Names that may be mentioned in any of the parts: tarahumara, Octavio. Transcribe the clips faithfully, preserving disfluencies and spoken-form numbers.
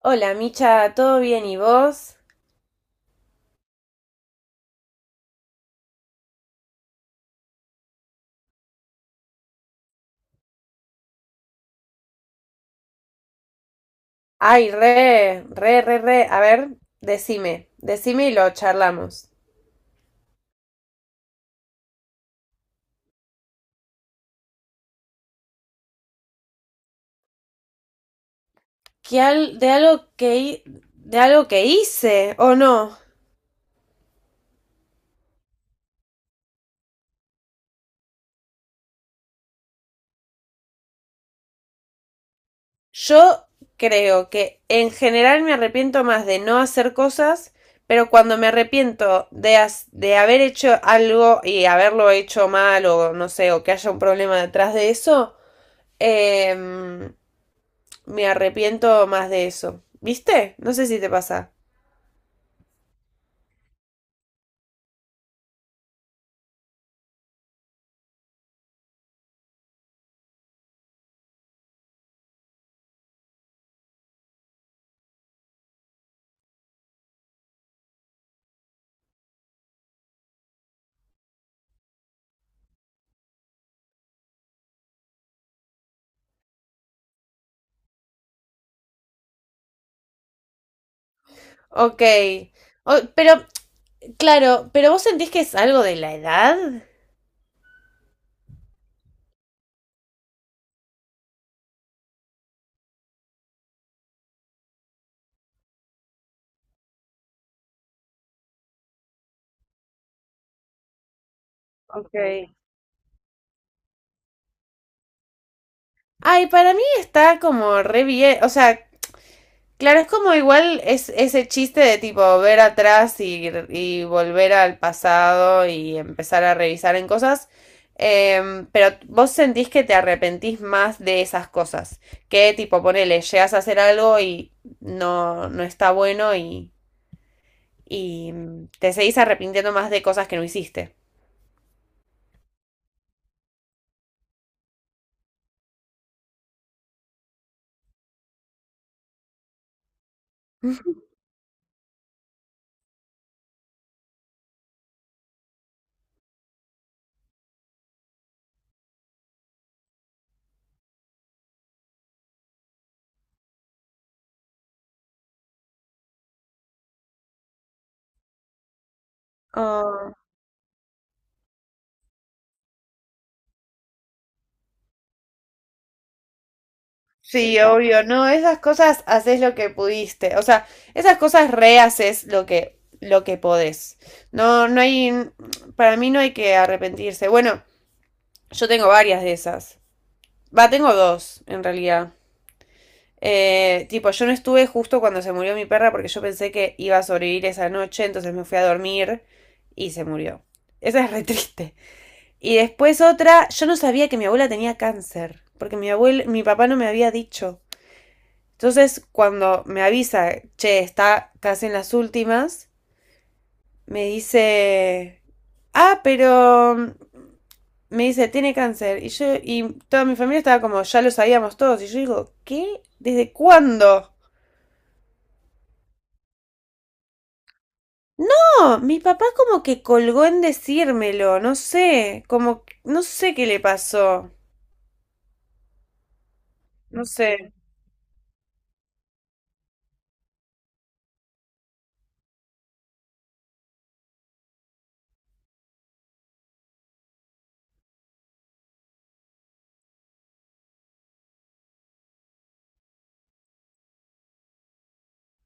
Hola, Micha, ¿todo bien y vos? Ay, re, re, re, re. A ver, decime, decime y lo charlamos. ¿Qué al- de algo que hi- de algo que hice o no? Yo creo que en general me arrepiento más de no hacer cosas, pero cuando me arrepiento de, has- de haber hecho algo y haberlo hecho mal o no sé, o que haya un problema detrás de eso, em, me arrepiento más de eso. ¿Viste? No sé si te pasa. Ok. O- pero, claro, pero vos sentís que es algo de la edad. Ok. Ay, para mí está como re bien. O sea, claro, es como igual es ese chiste de tipo ver atrás y, y volver al pasado y empezar a revisar en cosas. Em, pero vos sentís que te arrepentís más de esas cosas. Que tipo, ponele, llegas a hacer algo y no, no está bueno y, y te seguís arrepintiendo más de cosas que no hiciste. Sí, obvio, no, esas cosas haces lo que pudiste, o sea, esas cosas rehaces lo que lo que podés. No, no hay, para mí no hay que arrepentirse. Bueno, yo tengo varias de esas. Va, tengo dos, en realidad. Eh, tipo, yo no estuve justo cuando se murió mi perra porque yo pensé que iba a sobrevivir esa noche, entonces me fui a dormir y se murió. Esa es re triste. Y después otra, yo no sabía que mi abuela tenía cáncer, porque mi abuel, mi papá no me había dicho. Entonces, cuando me avisa, che, está casi en las últimas, me dice, ah, pero mm, me dice, tiene cáncer. Y yo, y toda mi familia estaba como, ya lo sabíamos todos. Y yo digo, ¿qué? ¿Desde cuándo? No, mi papá como que colgó en decírmelo, no sé, como, no sé qué le pasó, no sé,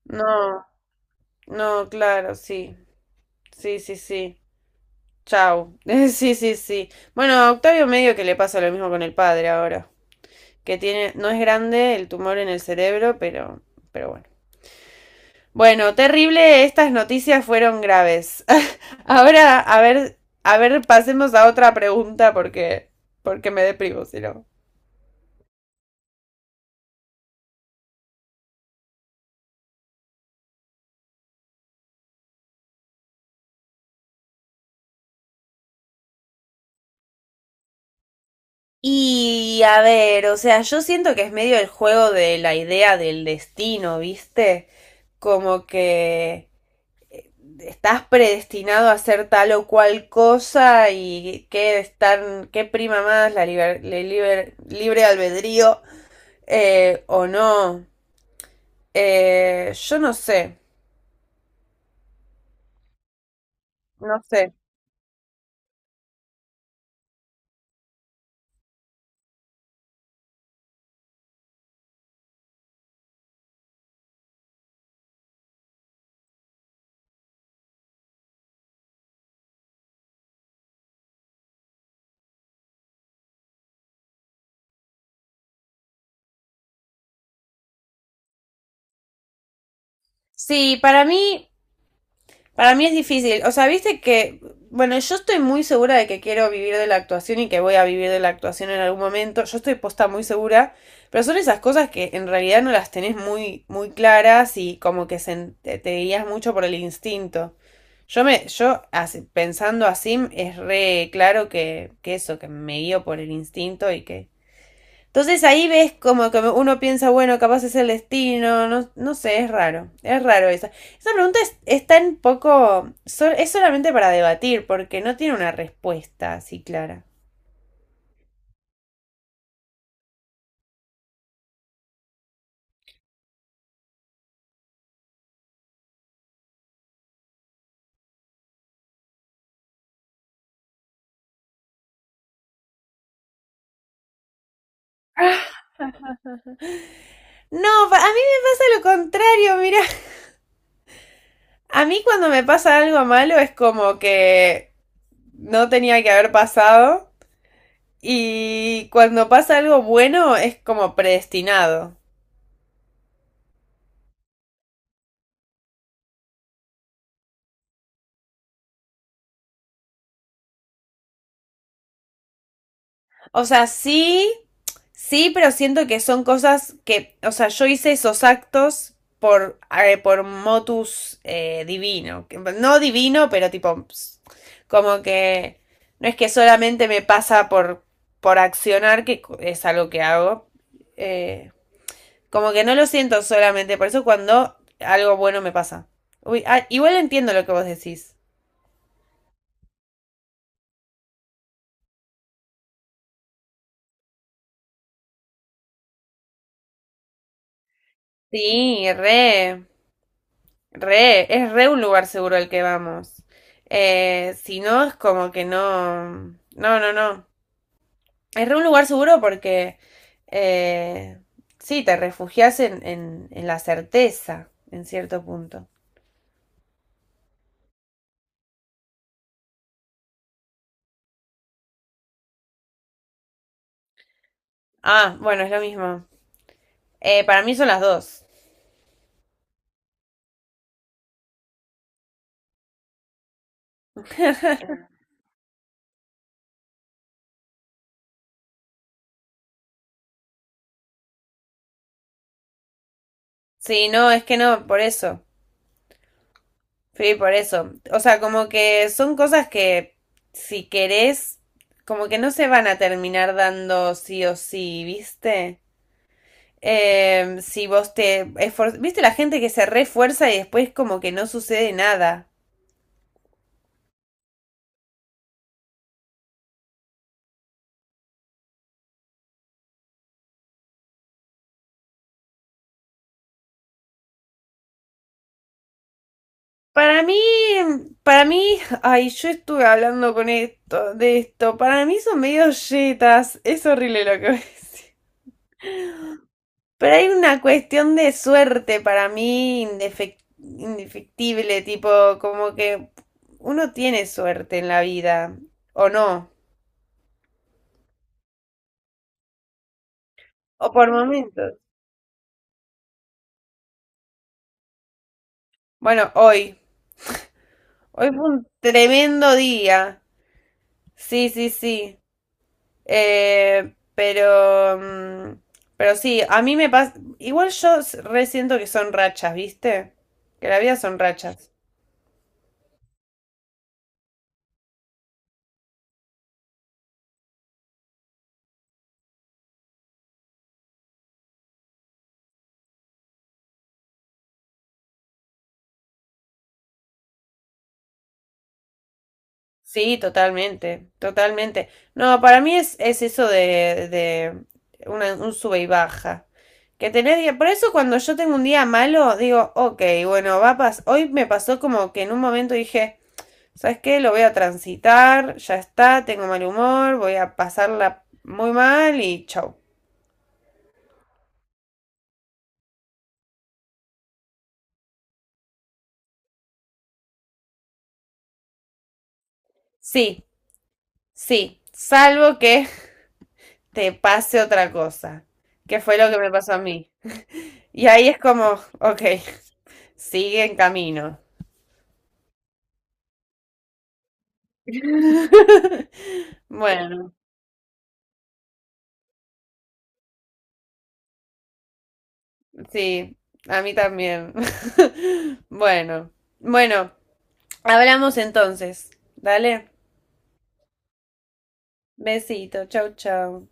no, no, claro, sí, sí, sí, sí. Chau. Sí, sí, sí. Bueno, a Octavio medio que le pasa lo mismo con el padre ahora, que tiene, no es grande el tumor en el cerebro, pero, pero bueno. Bueno, terrible, estas noticias fueron graves. Ahora, a ver, a ver, pasemos a otra pregunta porque, porque me deprimo, si no. Y a ver, o sea, yo siento que es medio el juego de la idea del destino, ¿viste? Como que estás predestinado a hacer tal o cual cosa y qué, están, qué prima más la, liber- la liber- libre albedrío, eh, o no. Eh, yo no sé, no sé. Sí, para mí Para mí es difícil. O sea, viste que, bueno, yo estoy muy segura de que quiero vivir de la actuación y que voy a vivir de la actuación en algún momento. Yo estoy posta muy segura, pero son esas cosas que en realidad no las tenés muy, muy claras y como que se- te, te guías mucho por el instinto. Yo me, yo así- pensando así, es re claro que, que eso, que me guío por el instinto y que entonces ahí ves como que uno piensa, bueno, capaz es el destino, no, no sé, es raro, es raro esa. Esa pregunta es, es tan poco, es solamente para debatir, porque no tiene una respuesta así clara. No, a mí me pasa lo contrario, mira. A mí cuando me pasa algo malo es como que no tenía que haber pasado y cuando pasa algo bueno es como predestinado. O sea, sí, sí, pero siento que son cosas que, o sea, yo hice esos actos por, eh, por motus eh, divino. Que- No divino, pero tipo, ps, como que no es que solamente me pasa por, por accionar, que co- es algo que hago. eh, como que no lo siento solamente, por eso cuando algo bueno me pasa. Uy, ah, igual entiendo lo que vos decís. Sí, re. Re, es re un lugar seguro el que vamos. Eh, si no, es como que no. No, no, no. Es re un lugar seguro porque eh, sí, te refugias en, en, en la certeza, en cierto punto. Ah, bueno, es lo mismo. Eh, para mí son las dos. Sí, no, es que no, por eso. Sí, por eso. O sea, como que son cosas que si querés, como que no se van a terminar dando sí o sí, ¿viste? Em, si vos te esfor- ¿Viste la gente que se refuerza y después como que no sucede nada? Para mí, para mí, ay, yo estuve hablando con esto, de esto. Para mí son medio yetas. Es horrible lo que voy a decir. Pero hay una cuestión de suerte para mí indefec- indefectible, tipo, como que uno tiene suerte en la vida, o no, o por momentos. Bueno, hoy, hoy fue un tremendo día. Sí, sí, sí. Eh, pero, mm, pero sí, a mí me pasa. Igual yo s- re siento que son rachas, ¿viste? Que la vida son rachas. Sí, totalmente, totalmente. No, para mí es, es eso de, de una- un sube y baja. Que tenés día- Por eso cuando yo tengo un día malo, digo, ok, bueno, va a pas- Hoy me pasó como que en un momento dije, ¿sabes qué? Lo voy a transitar, ya está, tengo mal humor, voy a pasarla muy mal y chau. Sí. Sí, salvo que te pase otra cosa, que fue lo que me pasó a mí. Y ahí es como, ok, sigue en camino. Bueno, sí, a mí también. Bueno, bueno, hablamos entonces. Dale, besito, chau, chau.